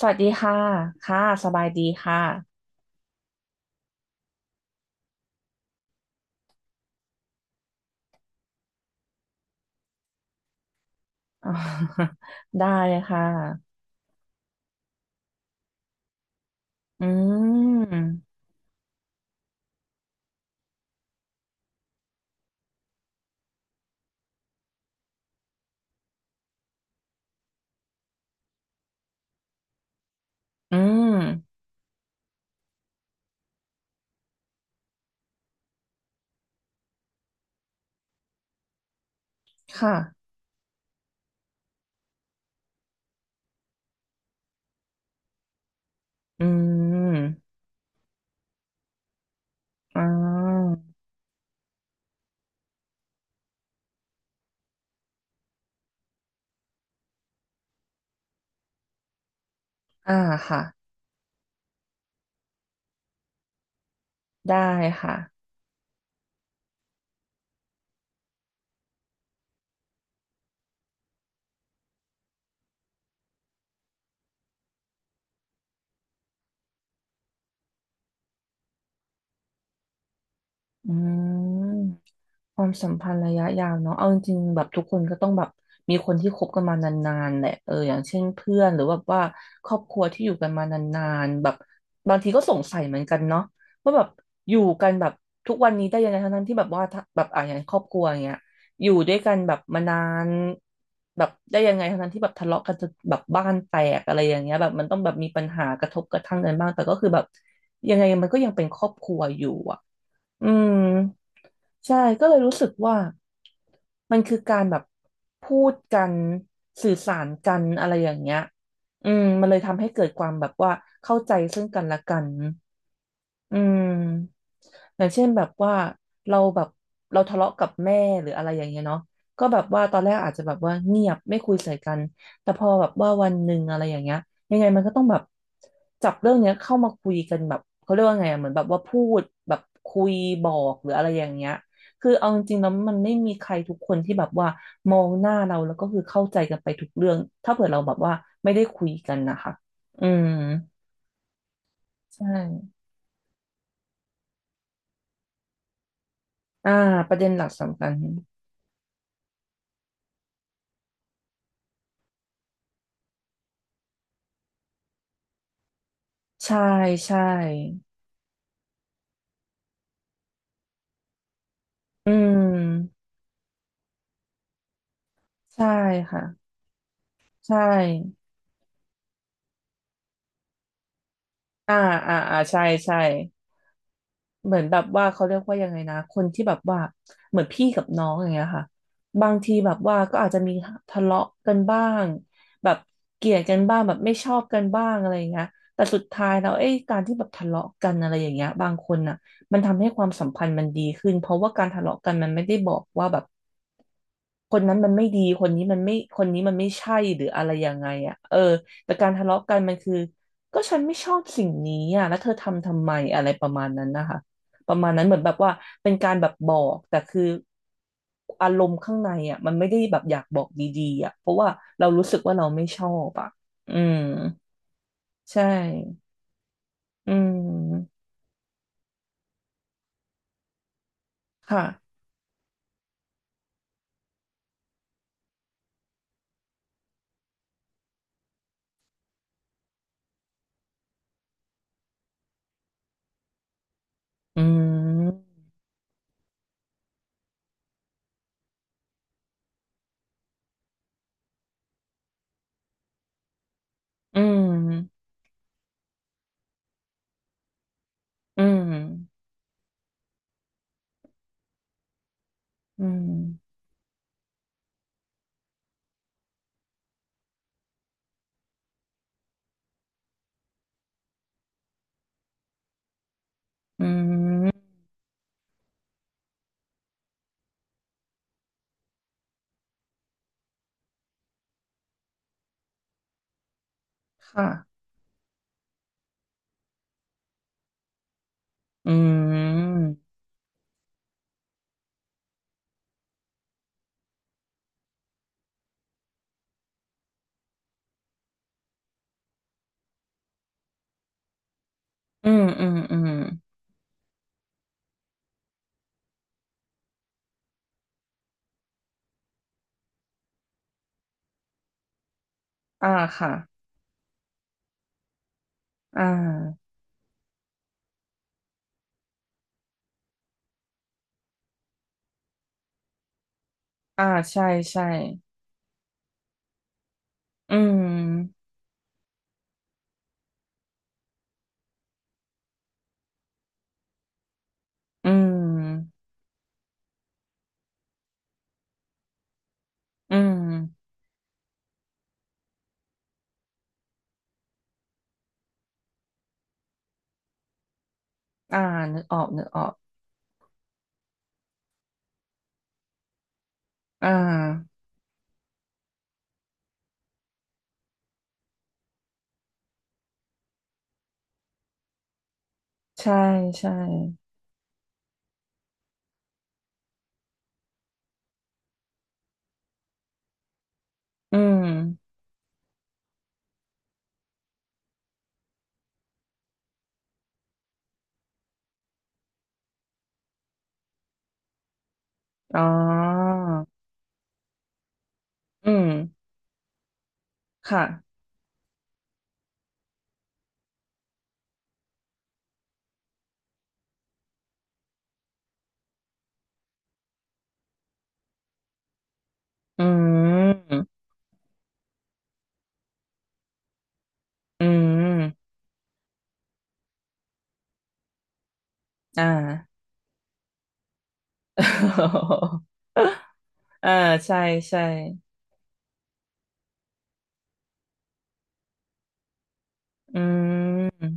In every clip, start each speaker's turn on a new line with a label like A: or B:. A: สวัสดีค่ะค่ะสบายดีค่ะออ ได้ค่ะอืมอืมค่ะอืมอ่าอ่าค่ะ ได้ค่ะอืม ความสัมพันธ์ระยะยาวเนาะเอาจริงๆแบบทุกคนก็ต้องแบบมีคนที่คบกันมานานๆแหละเอออย่างเช่นเพื่อนหรือว่าครอบครัวที่อยู่กันมานานๆแบบบางทีก็สงสัยเหมือนกันเนาะว่าแบบอยู่กันแบบทุกวันนี้ได้ยังไงทั้งๆที่แบบว่าถ้าแบบอ่ะอย่างครอบครัวอย่างเงี้ยอยู่ด้วยกันแบบมานานแบบได้ยังไงทั้งๆที่แบบทะเลาะกันจนแบบบ้านแตกอะไรอย่างเงี้ยแบบมันต้องแบบมีปัญหากระทบกระทั่งกันบ้างแต่ก็คือแบบยังไงมันก็ยังเป็นครอบครัวอยู่อะ อืมใช่ก็เลยรู้สึกว่ามันคือการแบบพูดกันสื่อสารกันอะไรอย่างเงี้ยอืมมันเลยทำให้เกิดความแบบว่าเข้าใจซึ่งกันและกัน อืมอย่างเช่นแบบว่าเราแบบเราทะเลาะกับแม่หรืออะไรอย่างเงี้ยเนาะก็แบบว่าตอนแรกอาจจะแบบว่าเงียบไม่คุยใส่กันแต่พอแบบว่าวันหนึ่งอะไรอย่างเงี้ยยังไงมันก็ต้องแบบจับเรื่องเนี้ยเข้ามาคุยกันแบบเขาเรียกว่าไงอะเหมือนแบบว่าพูดแบบคุยบอกหรืออะไรอย่างเงี้ยคือเอาจริงๆแล้วมันไม่มีใครทุกคนที่แบบว่ามองหน้าเราแล้วก็คือเข้าใจกันไปทุกเรื่องถ้าเผื่อเราแบบว่าไม่ได้คุยกันนะคะอืมใช่อ่าประเด็นหลักสำคัญ ใช่ใช่ อืม ใช่ค่ะ ใช่ อ่าอ่าอ่าใช่ใช่ เหมือนแบบว่าเขาเรียกว่ายังไงนะคนที่แบบว่าเหมือนพี่กับน้องอย่างเงี้ยค่ะบางทีแบบว่าก็อาจจะมีทะเลาะกันบ้างแบบเกลียดกันบ้างแบบไม่ชอบกันบ้างอะไรอย่างเงี้ยแต่สุดท้ายแล้วเอ้ยการที่แบบทะเลาะกันอะไรอย่างเงี้ยบางคนน่ะมันทำให้ความสัมพันธ์มันดีขึ้นเพราะว่าการทะเลาะกันมันไม่ได้บอกว่าแบบ คนนั้นมันไม่ดีคนนี้มันไม่คนนี้มันไม่ใช่หรืออะไรยังไงอ่ะเออแต่การทะเลาะกันมันคือก็ฉันไม่ชอบสิ่งนี้อ่ะแล้วเธอทำไมอะไรประมาณนั้นนะคะประมาณนั้นเหมือนแบบว่าเป็นการแบบบอกแต่คืออารมณ์ข้างในอ่ะมันไม่ได้แบบอยากบอกดีๆอ่ะเพราะว่าเรารู้สึกว่าเราไม่ชอบอ่ะอืมใช่อืมค่ะอืมอืมอืมอืมอืมค่ะอืม อืมอืมอืมอ่าค่ะอ่าอ่าใช่ใช่อืมอืมอืมอ่านึกออกนึกออกอ่าใช่ใช่อืมอ๋ออืมค่ะอืมอืมอ่า อ่าใช่ใช่อืม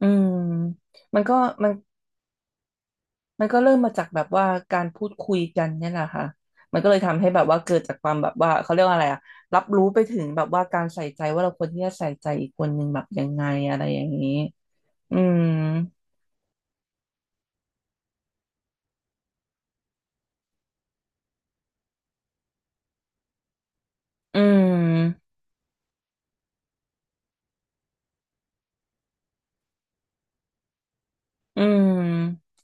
A: อืมมันก็มัน มันก็เริ่มมาจากแบบว่าการพูดคุยกันเนี่ยแหละค่ะมันก็เลยทำให้แบบว่าเกิดจากความแบบว่าเขาเรียกว่าอะไรอะรับรู้ไปถึงแบบว่าการใส่ใจว่าเราควรที่จะใส่ใจอีกคนหนึ่งแบบยังไงอะไรอย่างนี้อืมอืมอืม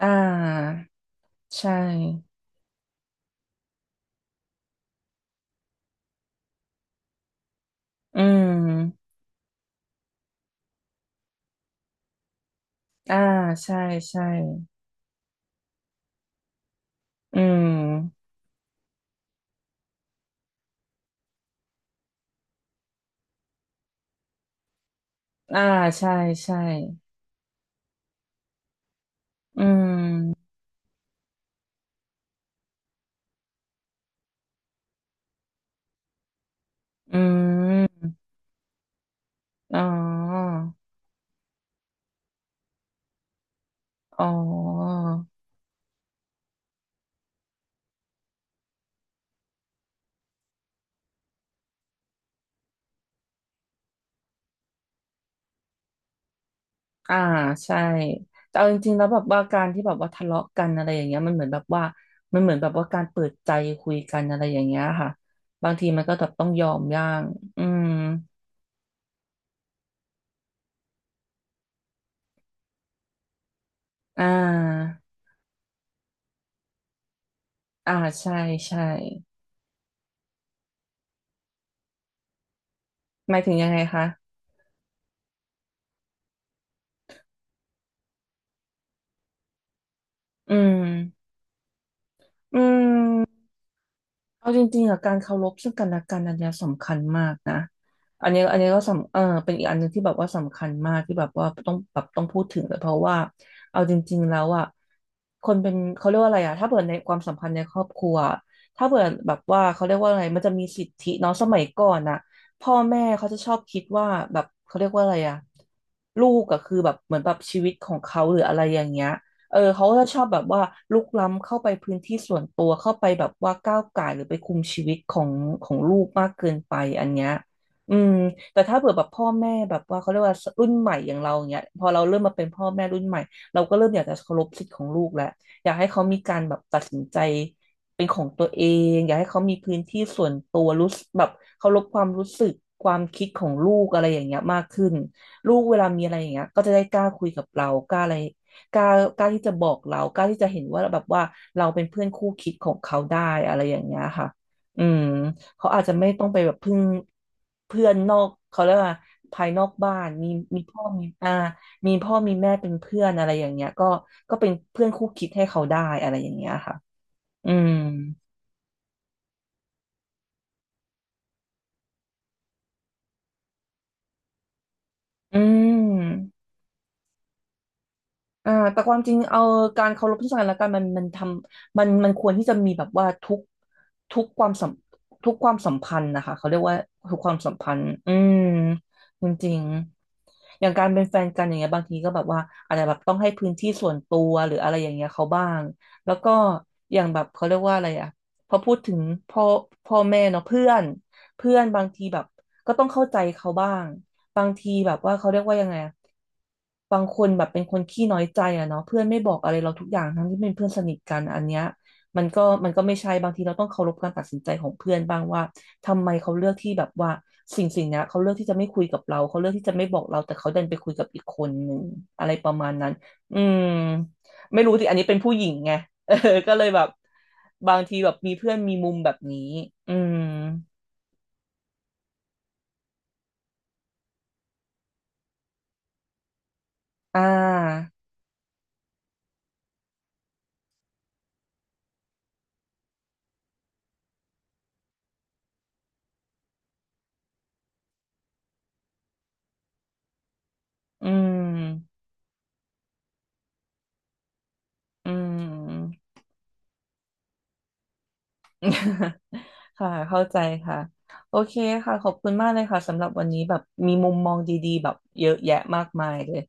A: อ่าใช่อืมอ่าใช่ใช่อืมอ่าใช่ใช่อืมอืมอ๋ออ๋อ อ่าใช่แต่เอาจริงๆแล้วแบบว่าการที่แบบว่าทะเลาะกันอะไรอย่างเงี้ยมันเหมือนแบบว่ามันเหมือนแบบว่าการเปิดใจคุยกันอะไรอย่างเงี้ยค่ะบางทีมันก็แบบต้องยอมย่างอืมอ่าอ่าใช่ใช่หมายถึงยังไงคะอืมอืม เอาจริงๆอะการเคารพซึ่งกันและกันอันเนี้ยสำคัญมากนะ อันนี้ก็สำเป็นอีกอันหนึ่งที่แบบว่าสำคัญมากที่แบบว่าต้องแบบต้องพูดถึงเลยเพราะว่าเอาจริงๆแล้วอะคนเป็นเขาเรียกว่าอะไรอะถ้าเปิดในความสัมพันธ์ในครอบครัวถ้าเปิดแบบว่าเขาเรียกว่าอะไรมันจะมีสิทธิเนาะสมัยก่อนอะพ่อแม่เขาจะชอบคิดว่าแบบเขาเรียกว่าอะไรอะลูกอะคือแบบเหมือนแบบชีวิตของเขาหรืออะไรอย่างเงี้ย อเขาก็ชอบแบบว่าลุกล้ำเข้าไปพื้นที่ส่วนตัวเข้าไปแบบว่าก้าวก่ายหรือไปคุมชีวิตของลูกมากเกินไปอันเนี้ยอืมแต่ถ้าเผื่อแบบพ่อแม่แบบว่าเขาเรียกว่ารุ่นใหม่อย่างเราอย่างเงี้ยพอเราเริ่มมาเป็นพ่อแม่รุ่นใหม่เราก็เริ่มอยากจะเคารพสิทธิ์ของลูกแล้วอยากให้เขามีการแบบตัดสินใจเป็นของตัวเองอยากให้เขามีพื้นที่ส่วนตัวรู้สึกแบบเคารพความรู้สึกความคิดของลูกอะไรอย่างเงี้ยมากขึ้นลูกเวลามีอะไรอย่างเงี้ยก็จะได้กล้าคุยกับเรากล้าอะไร กล้ากล้าที่จะบอกเรากล้าที่จะเห็นว่าแบบว่าเราเป็นเพื่อนคู่คิดของเขาได้อะไรอย่างเงี้ยค่ะอืมเขาอาจจะไม่ต้องไปแบบพึ่งเพื่อนนอกเขาเรียกว่าภายนอกบ้านมีมีพ่อมีมีพ่อมีแม่เป็นเพื่อนอะไรอย่างเงี้ยก็เป็นเพื่อนคู่คิดให้เขาได้อะไรอย่างเงี้ยค่ะอืมอืม อ่าแต่ความจริงเอาการเคารพซึ่งกันและกันมันทำมันควรที่จะมีแบบว่าทุกความสัมทุกความสัมพันธ์นะคะเขาเรียกว่าทุกความสัมพันธ์อืมจริงๆอย่างการเป็นแฟนกันอย่างเงี้ยบางทีก็แบบว่าอาจจะแบบต้องให้พื้นที่ส่วนตัวหรืออะไรอย่างเงี้ยเขาบ้างแล้วก็อย่างแบบเขาเรียกว่าอะไรอ่ะพอพูดถึงพ่อพ่อแม่เนาะเพื่อนเพื่อนบางทีแบบ ก็ต้องเข้าใจเขาบ้างบางทีแบบว่าเขาเรียกว่ายังไงอะบางคนแบบเป็นคนขี้น้อยใจอะเนาะเพื่อนไม่บอกอะไรเราทุกอย่างทั้งที่เป็นเพื่อนสนิทกันอันเนี้ยมันก็ไม่ใช่บางทีเราต้องเคารพการตัดสินใจของเพื่อนบ้างว่าทำไมเขาเลือกที่แบบว่าสิ่งเนี้ยเขาเลือกที่จะไม่คุยกับเราเขาเลือกที่จะไม่บอกเราแต่เขาดันไปคุยกับอีกคนหนึ่งอะไรประมาณนั้นอืมไม่รู้สิอันนี้เป็นผู้หญิงไง เออก็เลยแบบบางทีแบบมีเพื่อนมีมุมแบบนี้อืมอ่า อืม อืม ค่ะ เข้าใจค่ะ โอเคค่ะ ขอบคุณมากเลยค่ะสำหรับวันนี้แบบมีมุมมองดีๆแบบเยอะแยะมากมายเลย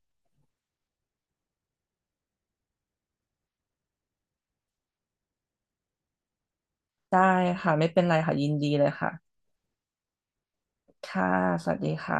A: ได้ค่ะ ไม่เป็นไรค่ะยินดีเลยค่ะ ค่ะ สวัสดีค่ะ